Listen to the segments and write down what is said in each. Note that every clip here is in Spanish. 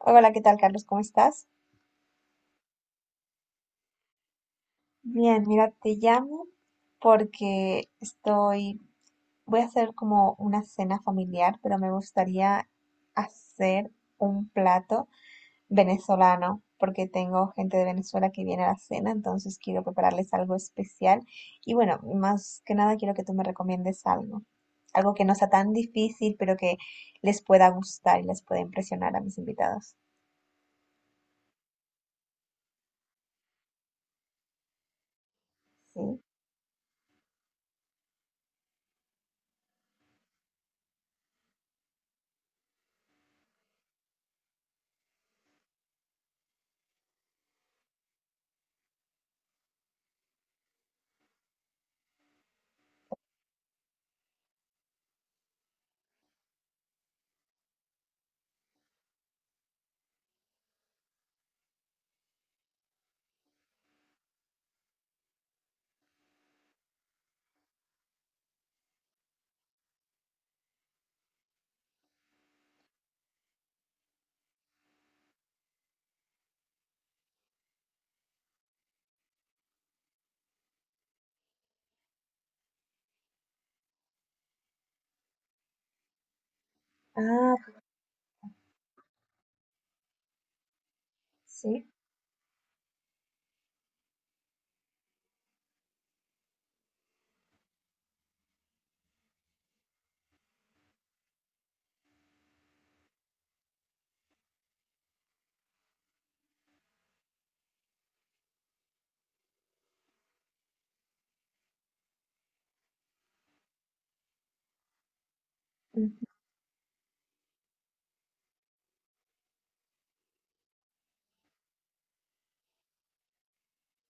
Hola, ¿qué tal, Carlos? ¿Cómo estás? Bien, mira, te llamo porque estoy, voy a hacer como una cena familiar, pero me gustaría hacer un plato venezolano, porque tengo gente de Venezuela que viene a la cena, entonces quiero prepararles algo especial. Y bueno, más que nada quiero que tú me recomiendes algo, algo que no sea tan difícil, pero que les pueda gustar y les pueda impresionar a mis invitados. Sí. Ah, sí.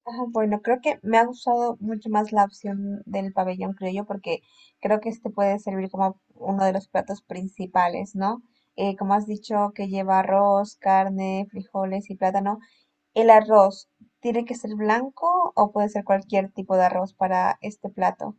Ajá, bueno, creo que me ha gustado mucho más la opción del pabellón criollo porque creo que este puede servir como uno de los platos principales, ¿no? Como has dicho, que lleva arroz, carne, frijoles y plátano. ¿El arroz tiene que ser blanco o puede ser cualquier tipo de arroz para este plato?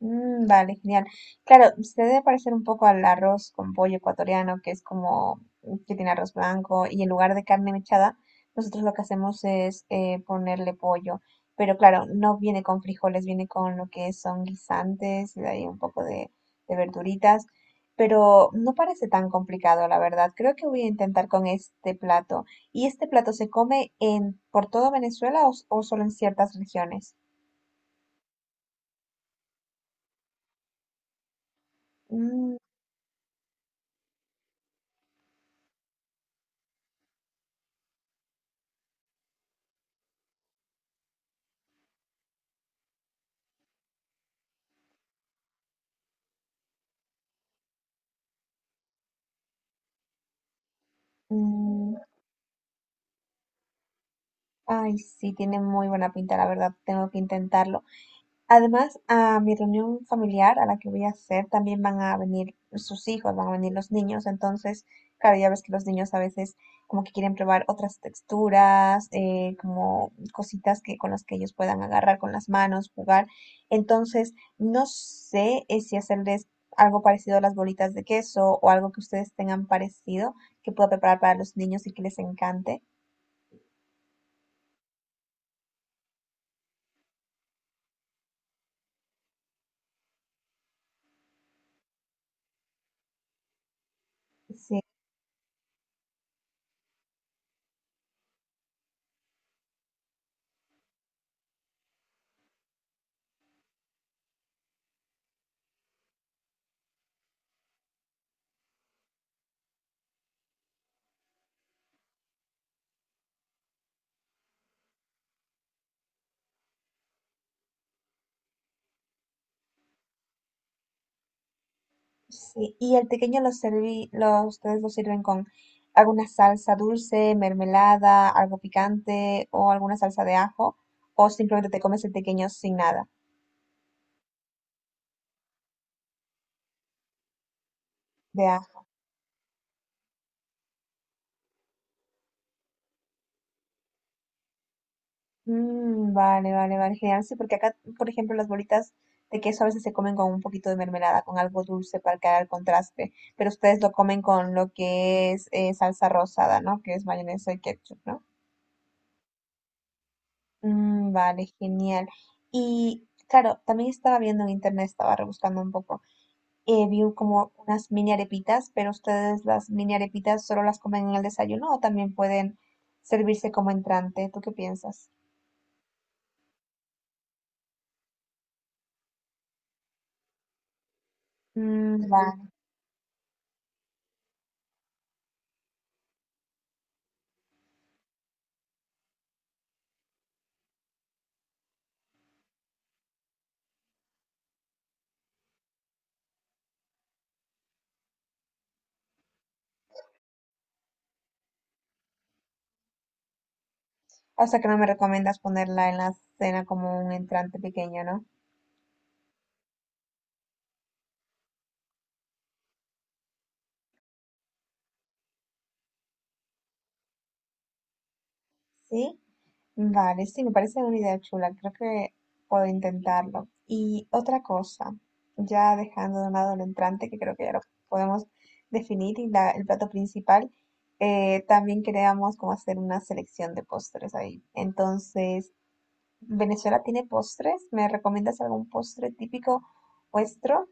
Mm, vale, genial. Claro, se debe parecer un poco al arroz con pollo ecuatoriano, que es como mm, que tiene arroz blanco y en lugar de carne mechada, nosotros lo que hacemos es ponerle pollo. Pero claro, no viene con frijoles, viene con lo que son guisantes y de ahí un poco de verduritas. Pero no parece tan complicado, la verdad. Creo que voy a intentar con este plato. ¿Y este plato se come en por todo Venezuela o, s- o solo en ciertas regiones? Mm, mm, ay, sí, tiene muy buena pinta, la verdad, tengo que intentarlo. Además, a mi reunión familiar a la que voy a hacer también van a venir sus hijos, van a venir los niños, entonces, claro, ya ves que los niños a veces como que quieren probar otras texturas, como cositas que con las que ellos puedan agarrar con las manos, jugar. Entonces, no sé si hacerles algo parecido a las bolitas de queso o algo que ustedes tengan parecido que pueda preparar para los niños y que les encante. Sí. Sí, y el pequeño lo serví, lo, ustedes lo sirven con alguna salsa dulce, mermelada, algo picante o alguna salsa de ajo, o simplemente te comes el pequeño sin nada de ajo. Mm, vale, vale, vale, genial. Sí, porque acá, por ejemplo, las bolitas de queso a veces se comen con un poquito de mermelada, con algo dulce para crear el contraste, pero ustedes lo comen con lo que es salsa rosada, ¿no? Que es mayonesa y ketchup, ¿no? Mm, vale, genial. Y claro, también estaba viendo en internet, estaba rebuscando un poco. Vi como unas mini arepitas, pero ustedes las mini arepitas solo las comen en el desayuno o también pueden servirse como entrante. ¿Tú qué piensas? Mm, ujú, vale. O sea que no me recomiendas ponerla en la cena como un entrante pequeño, ¿no? Sí. Vale, sí, me parece una idea chula, creo que puedo intentarlo. Y otra cosa, ya dejando de un lado el entrante, que creo que ya lo podemos definir, y la- el plato principal, también queríamos como hacer una selección de postres ahí. Entonces, ¿Venezuela tiene postres? ¿Me recomiendas algún postre típico vuestro?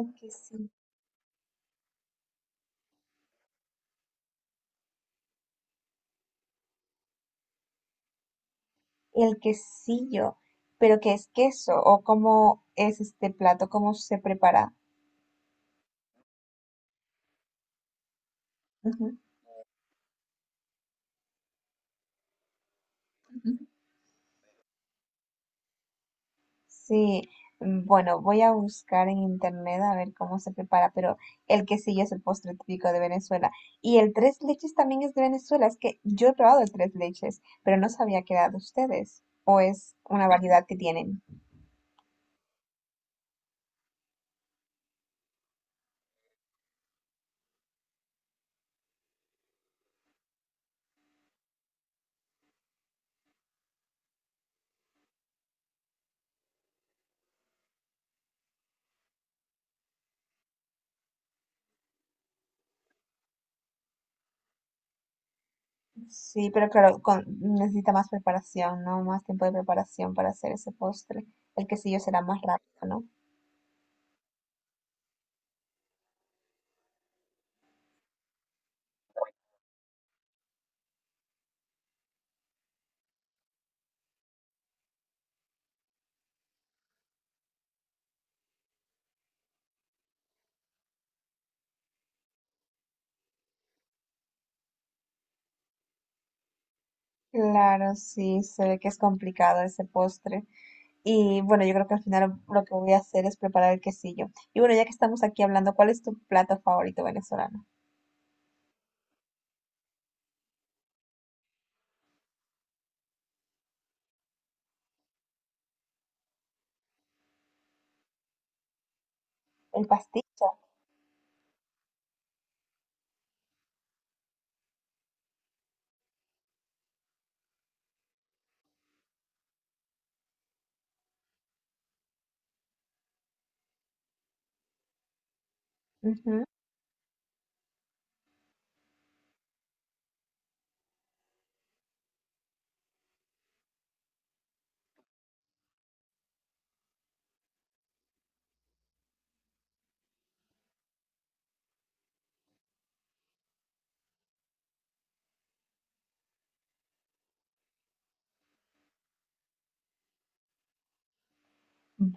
El quesillo. El quesillo, pero ¿qué es queso? ¿O cómo es este plato? ¿Cómo se prepara? Ujú. Sí, mm, bueno, voy a buscar en internet a ver cómo se prepara, pero el quesillo es el postre típico de Venezuela. Y el tres leches también es de Venezuela. Es que yo he probado el tres leches, pero no sabía que era de ustedes. O es una variedad que tienen. Sí, pero claro, con- necesita más preparación, ¿no? Más tiempo de preparación para hacer ese postre. El quesillo será más rápido, ¿no? Claro, sí, se ve que es complicado ese postre. Y bueno, yo creo que al final lo que voy a hacer es preparar el quesillo. Y bueno, ya que estamos aquí hablando, ¿cuál es tu plato favorito venezolano? El pasticho. Ujú.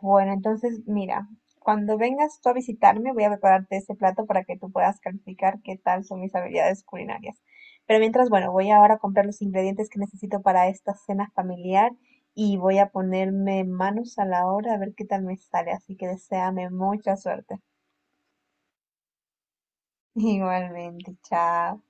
Bueno, entonces mira, cuando vengas tú a visitarme, voy a prepararte ese plato para que tú puedas calificar qué tal son mis habilidades culinarias. Pero mientras, bueno, voy ahora a comprar los ingredientes que necesito para esta cena familiar y voy a ponerme manos a la obra a ver qué tal me sale. Así que deséame mucha suerte. Igualmente, chao.